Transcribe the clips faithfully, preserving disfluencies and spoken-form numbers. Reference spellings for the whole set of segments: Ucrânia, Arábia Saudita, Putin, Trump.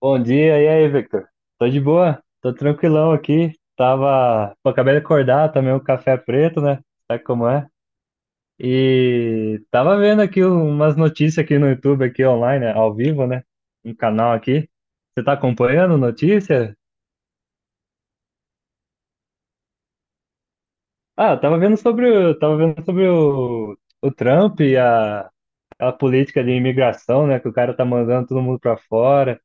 Bom dia, e aí, Victor? Tô de boa, tô tranquilão aqui. Tava. Pô, acabei de acordar, tomei um café preto, né? Sabe como é? E tava vendo aqui umas notícias aqui no YouTube, aqui online, né? Ao vivo, né? Um canal aqui. Você tá acompanhando notícia? Ah, eu tava vendo sobre o. Tava vendo sobre o, o Trump e a, a política de imigração, né? Que o cara tá mandando todo mundo pra fora.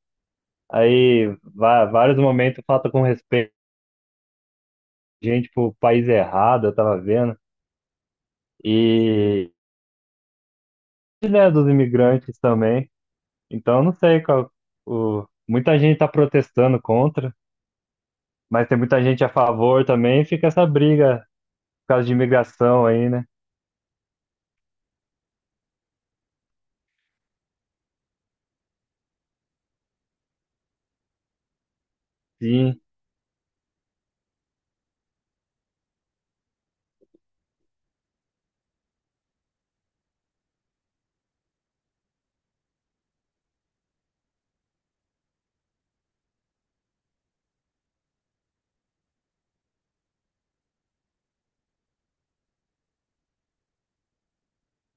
Aí, va- vários momentos falta com respeito, gente pro país errado, eu tava vendo. E, né, dos imigrantes também. Então, eu não sei qual. O, muita gente está protestando contra, mas tem muita gente a favor também. E fica essa briga por causa de imigração aí, né? Sim,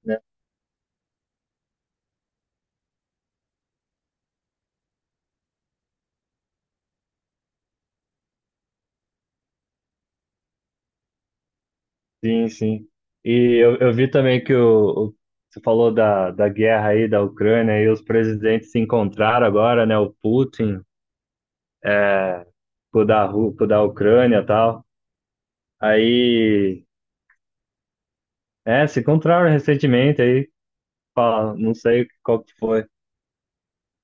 né? Sim, sim. E eu, eu vi também que o, o- você falou da, da guerra aí da Ucrânia e os presidentes se encontraram agora, né? O Putin com o da, Ru- com o da Ucrânia e tal. Aí, é, se encontraram recentemente aí. fala- Não sei qual que foi.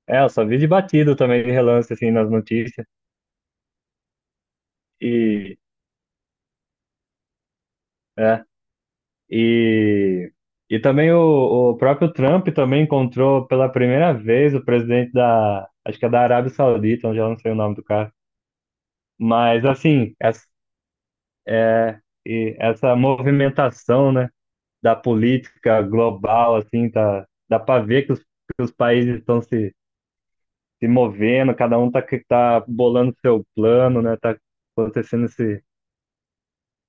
É, eu só vi de batido também, de relance, assim, nas notícias. E, é, e, e também o, o próprio Trump também encontrou pela primeira vez o presidente da, acho que é da Arábia Saudita, onde eu não sei o nome do cara. Mas, assim, essa, e essa movimentação, né, da política global, assim, tá, dá para ver que os, que os países estão se, se movendo, cada um tá, que- tá bolando seu plano, né, tá acontecendo esse,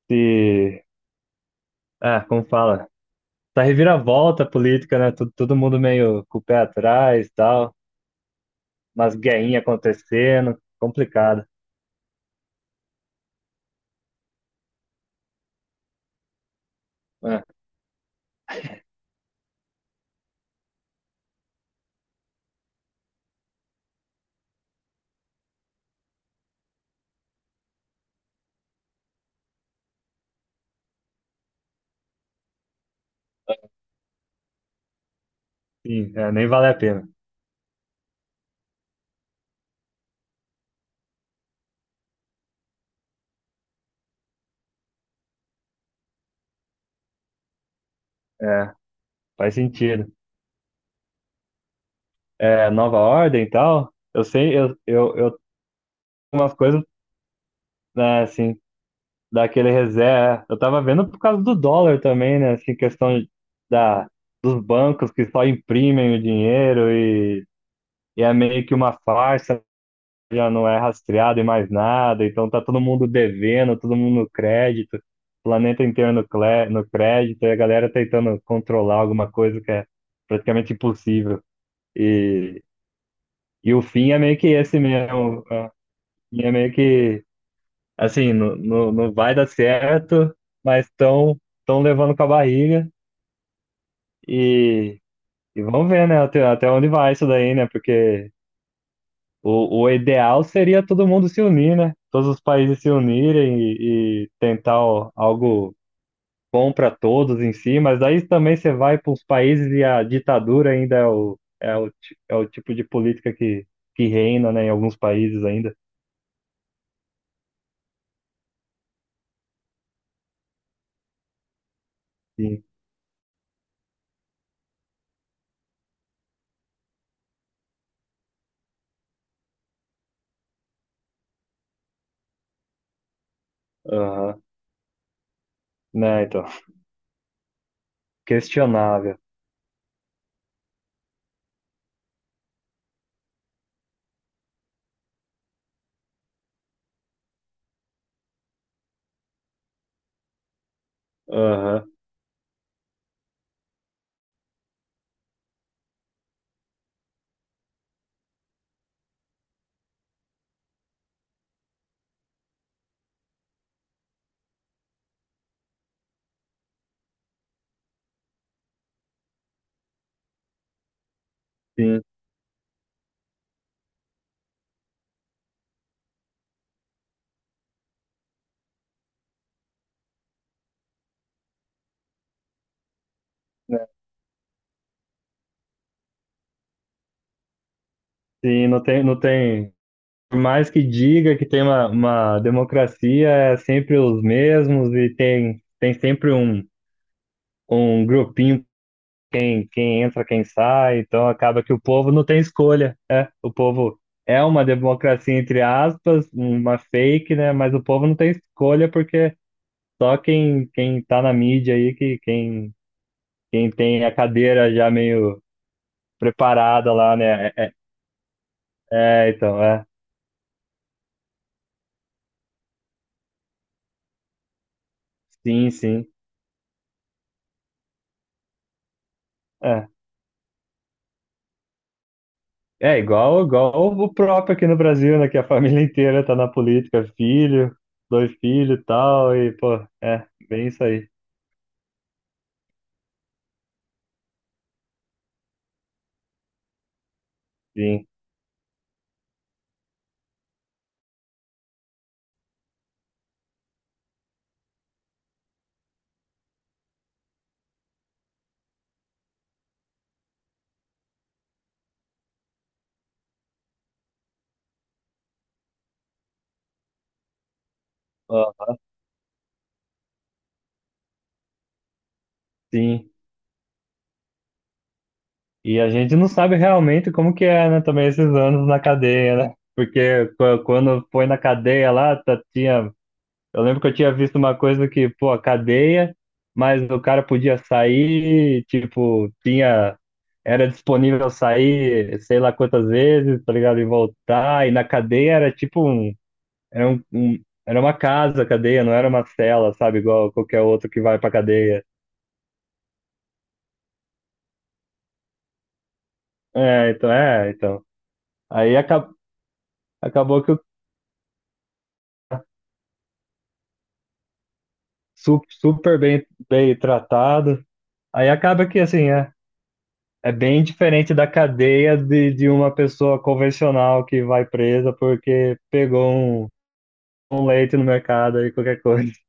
esse, ah, como fala? Essa reviravolta política, né? Todo, todo mundo meio com o pé atrás e tal, umas guerrinhas acontecendo, complicado. É, sim, é, nem vale a pena. É, faz sentido. É, nova ordem e tal, eu sei, eu, eu, eu umas coisas, né, assim, daquele reserva. É, eu tava vendo por causa do dólar também, né? Assim, questão da, dos bancos que só imprimem o dinheiro e, e é meio que uma farsa já não é rastreado em mais nada, então tá todo mundo devendo, todo mundo no crédito, planeta inteiro no, clé- no crédito, e a galera tentando controlar alguma coisa que é praticamente impossível. E, e o fim é meio que esse mesmo, é é meio que, assim, não, não, não vai dar certo, mas estão tão tão levando com a barriga e, e vamos ver, né, até, até onde vai isso daí, né, porque O, o ideal seria todo mundo se unir, né? Todos os países se unirem e, e tentar o- algo bom para todos em si, mas aí também você vai para os países e a ditadura ainda é o, é o, ti- é o tipo de política que, que reina, né, em alguns países ainda. Sim. Aham. Né, então, questionável. Aham. Sim. Né, sim, não tem, não tem. Por mais que diga que tem uma, uma democracia, é sempre os mesmos e tem, tem sempre um um grupinho quem, quem entra, quem sai, então acaba que o povo não tem escolha. É, o povo é uma democracia, entre aspas, uma fake, né? Mas o povo não tem escolha porque só quem, quem tá na mídia aí, que, quem, quem tem a cadeira já meio preparada lá, né? É, é, é, então, é. Sim, sim. É. É igual, igual o próprio aqui no Brasil, né? Que a família inteira tá na política, filho, dois filhos e tal, e, pô, é, bem isso aí. Sim, ó, sim. E a gente não sabe realmente como que é, né? Também esses anos na cadeia, né? Porque qu- quando foi na cadeia lá, tá- tinha. Eu lembro que eu tinha visto uma coisa que, pô, a cadeia, mas o cara podia sair, tipo, tinha. Era disponível sair sei lá quantas vezes, tá ligado? E voltar. E na cadeia era tipo um. Era um, um- era uma casa, a cadeia, não era uma cela, sabe? Igual qualquer outro que vai pra cadeia. É, então, é, então. Aí acabou. Acabou que super, super bem, bem tratado. Aí acaba que, assim, é, é bem diferente da cadeia de, de uma pessoa convencional que vai presa porque pegou um, um leite no mercado aí qualquer coisa.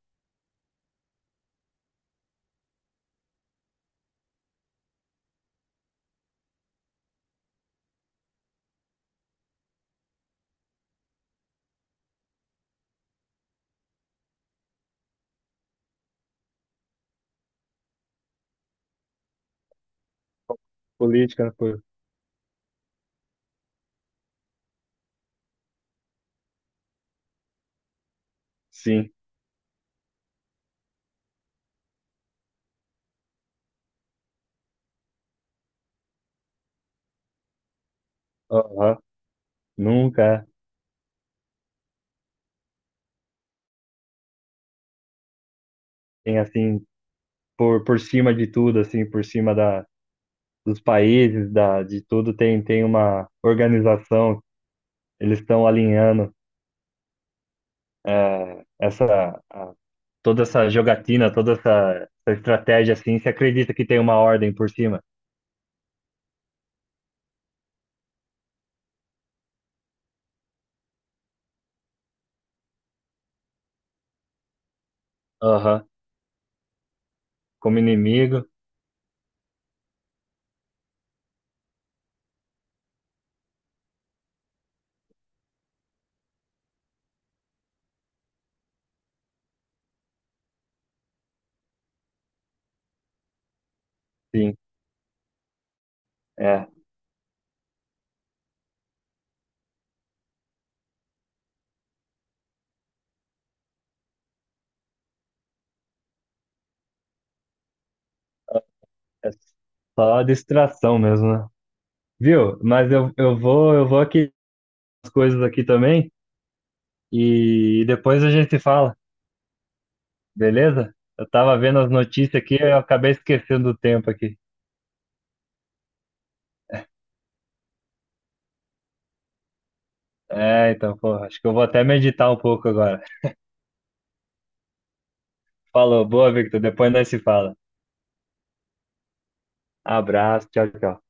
Política, por... sim. Aham. Nunca tem, assim, por, por cima de tudo, assim, por cima da, dos países, da, de tudo, tem, tem uma organização. Eles estão alinhando é, essa... toda essa jogatina, toda essa, essa estratégia assim, você acredita que tem uma ordem por cima? Aham, como inimigo, sim, é, é só distração mesmo, né? Viu? Mas eu, eu vou, eu vou aqui as coisas aqui também e depois a gente se fala, beleza? Eu tava vendo as notícias aqui eu acabei esquecendo do tempo aqui. É, então, pô, acho que eu vou até meditar um pouco agora. Falou, boa, Victor, depois nós se fala. Abraço, tchau, tchau.